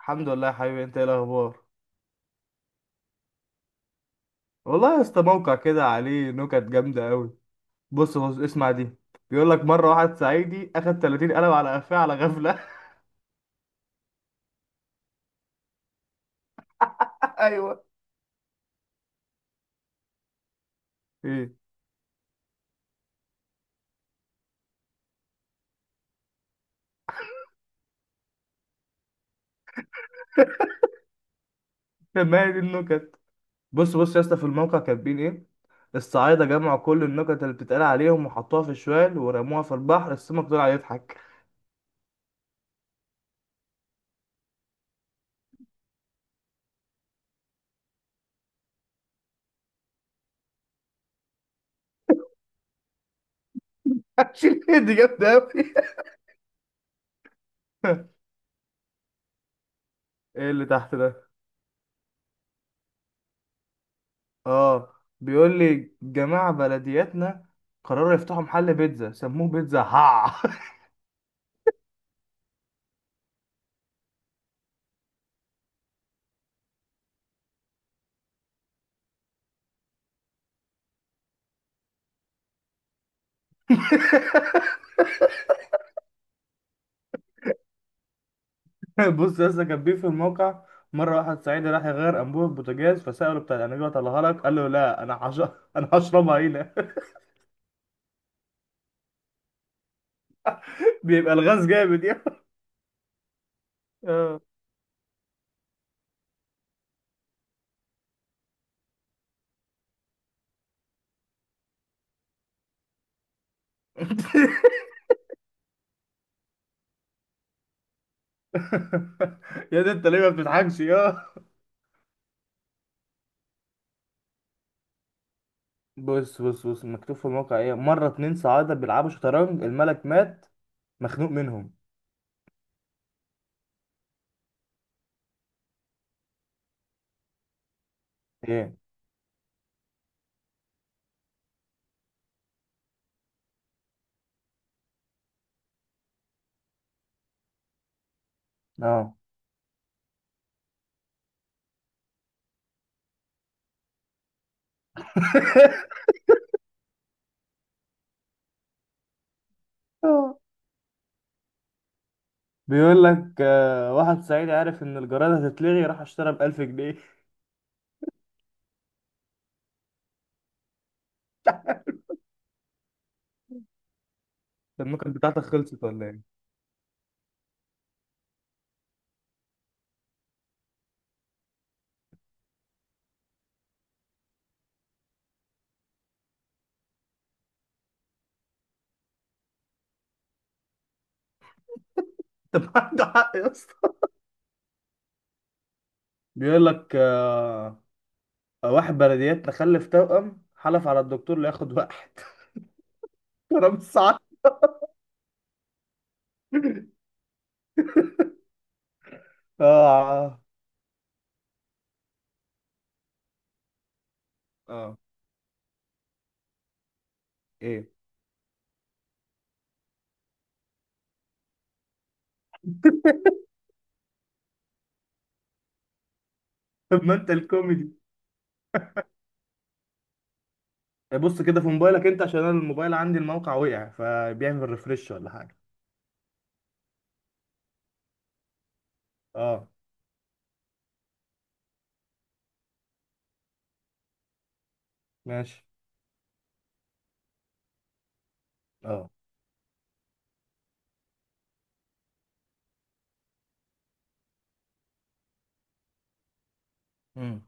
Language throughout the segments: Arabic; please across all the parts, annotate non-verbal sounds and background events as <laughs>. الحمد لله يا حبيبي، انت ايه الاخبار؟ والله يا اسطى موقع كده عليه نكت جامده قوي. بص بص اسمع دي. بيقول لك مره واحد صعيدي اخد 30 قلم على قفاه على غفله. <laughs> ايوه. ايه؟ ما هي دي النكت. بص بص يا اسطى في الموقع كاتبين ايه. الصعايده جمعوا كل النكت اللي بتتقال عليهم وحطوها في شوال ورموها في البحر، السمك طلع يضحك. <laughs> شيل دي جامده قوي. <laughs> ايه اللي تحت ده؟ اه، بيقول لي جماعة بلدياتنا قرروا يفتحوا محل بيتزا سموه بيتزا هع. <laughs> <laughs> بص يا اسطى كان بيه في الموقع. مرة واحد صعيدي راح يغير أنبوبة بوتاجاز، فسأله بتاع الأنبوبة طلعها لك؟ قال له لا، أنا هش... <laughs> أنا هشربها هنا. <laughs> بيبقى الغاز جامد يا. اه. <laughs> يا ده أنت ليه ما بتضحكش يا؟ بص بص بص مكتوب في الموقع إيه. مرة اتنين صعايدة بيلعبوا شطرنج، الملك مات مخنوق منهم. إيه؟ أه. اه، بيقول لك واحد صعيدي عارف إن الجرائد هتتلغي، راح اشترى بألف جنيه. طب ما كانت بتاعتك خلصت ولا إيه؟ <laughs> طب عنده حق يا اسطى. بيقول لك واحد بلديات تخلف توأم حلف على الدكتور لياخد واحد. <laughs> رب الساعة. اه. اه. ايه؟ طب ما انت الكوميدي. بص كده في موبايلك انت، عشان انا الموبايل عندي الموقع وقع، فبيعمل ريفرش ولا حاجة. اه. ماشي. اه. امم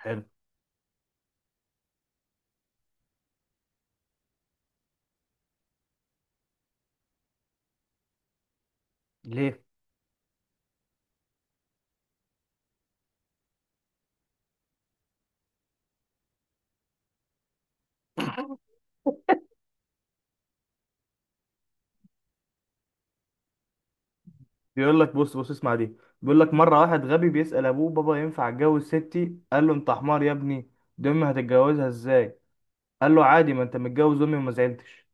حلو. ليه؟ بيقول لك بص بص اسمع دي. بيقول لك مرة واحد غبي بيسأل ابوه، بابا ينفع اتجوز ستي؟ قال له انت حمار يا ابني، دي امي هتتجوزها ازاي؟ قال له عادي، ما انت متجوز امي وما زعلتش.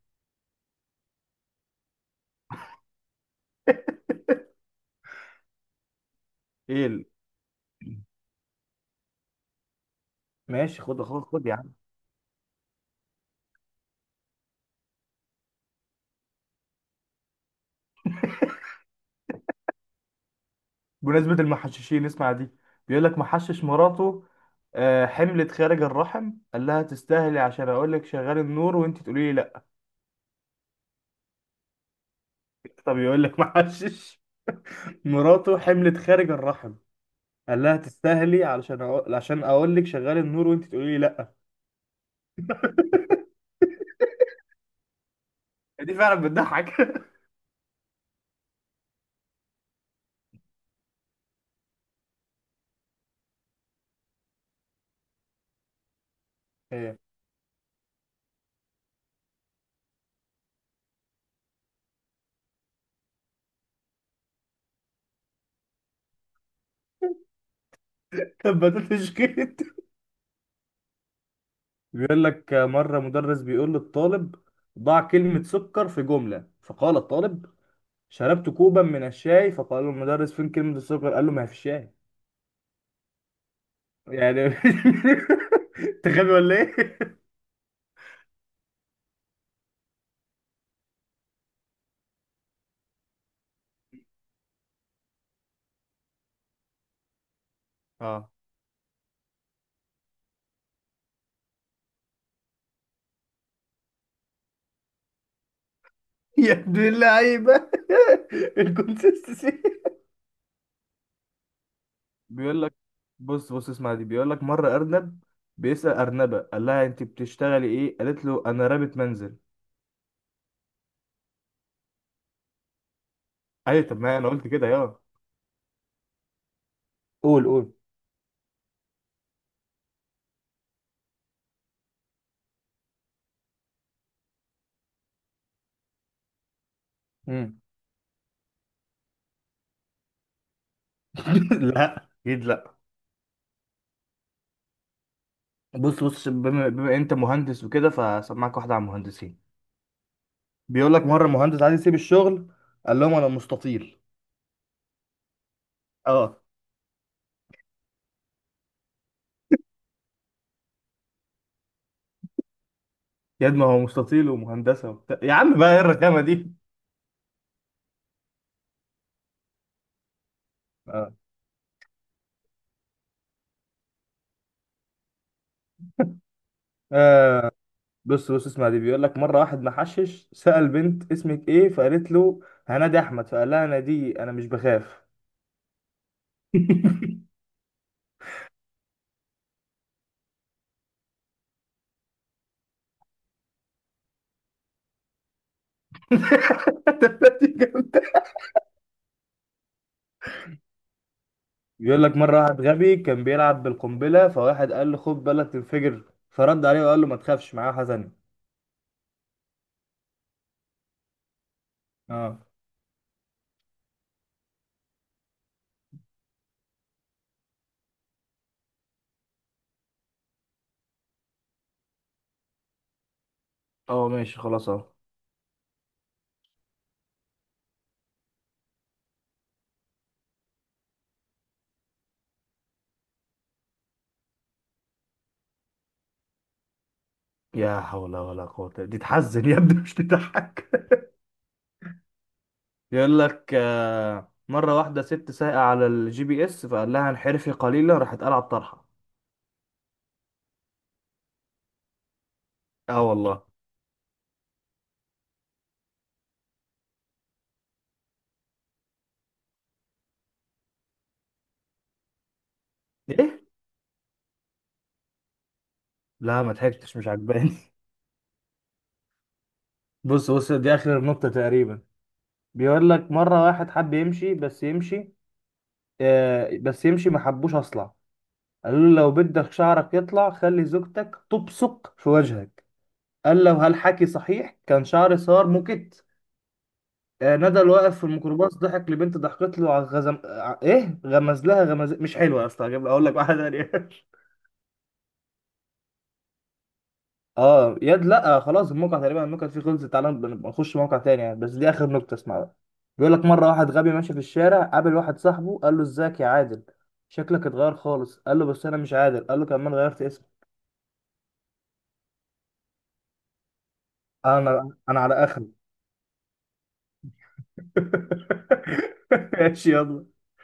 ايه ال- ماشي، خد خد خد يا عم. بمناسبة المحششين اسمع دي. بيقول لك محشش مراته حملت خارج الرحم، قال لها تستاهلي، عشان اقول لك شغال النور وانت تقولي لي لا. طب يقول لك محشش <laughs> مراته حملت خارج الرحم، قال لها تستاهلي، علشان عشان اقول لك شغال النور وانت تقولي لي لا. دي فعلا بتضحك. <laughs> هي كبتت شكيت. بيقول لك مرة مدرس بيقول للطالب ضع كلمة سكر في جملة، فقال الطالب شربت كوبا من الشاي، فقال له المدرس فين كلمة السكر؟ قال له ما هي في الشاي يعني. <laughs> انت غبي ولا ايه؟ اه. <laughs> يا ابن اللعيبة. <laughs> الكونسيستنسي. بيقول لك بص بص اسمع دي. بيقول لك مرة أرنب بيسأل أرنبة قال لها أنت بتشتغلي إيه؟ قالت له أنا رابط منزل. أيوة، طب ما أنا قلت كده يا. قول قول. مم. <laughs> لا، أكيد لأ. بص بص بما أنت مهندس وكده، فسمعك واحدة عن المهندسين. بيقول لك مره مهندس عايز يسيب الشغل، قال لهم انا مستطيل. اه. يا ابني هو مستطيل ومهندسه وبتاع يا عم، بقى ايه الرخامه دي. اه. آه، بص بص اسمع دي. بيقول لك مره واحد محشش سأل بنت اسمك ايه؟ فقالت له هنادي احمد، فقال لها انا دي انا مش بخاف. <laughs> دي جامدة. بيقول لك مرة واحد غبي كان بيلعب بالقنبلة، فواحد قال له خد بالك تنفجر، فرد عليه وقال له ما تخافش معاه حزن. اه. اه ماشي خلاص اهو. يا حول ولا قوة، دي تحزن يا ابني مش تضحك. يقول لك مرة واحدة ست سايقة على الجي بي اس، فقال لها انحرفي قليلا، راحت قلعت الطرحة. اه والله. ايه؟ لا ما ضحكتش، مش عجباني. <laughs> بص بص دي اخر النقطة تقريبا. بيقول لك مرة واحد حب يمشي، بس يمشي آه بس يمشي، ما حبوش اصلع، قالوا له لو بدك شعرك يطلع خلي زوجتك تبصق في وجهك، قال له هل حكي صحيح؟ كان شعري صار موكيت. آه، ندى اللي واقف في الميكروباص ضحك لبنت، ضحكت له على ايه، غمز لها غمز. مش حلوه يا اسطى، هجيب اقول لك واحده تانيه. <laughs> اه يد لا خلاص، الموقع تقريبا النكت فيه خلصت، تعالى نبقى نخش موقع تاني يعني، بس دي اخر نكته اسمع بقى. بيقول لك مره واحد غبي ماشي في الشارع، قابل واحد صاحبه قال له ازيك يا عادل، شكلك اتغير خالص، قال له بس انا مش عادل، قال له كمان غيرت اسمي. انا على اخر. <laughs> ماشي يلا.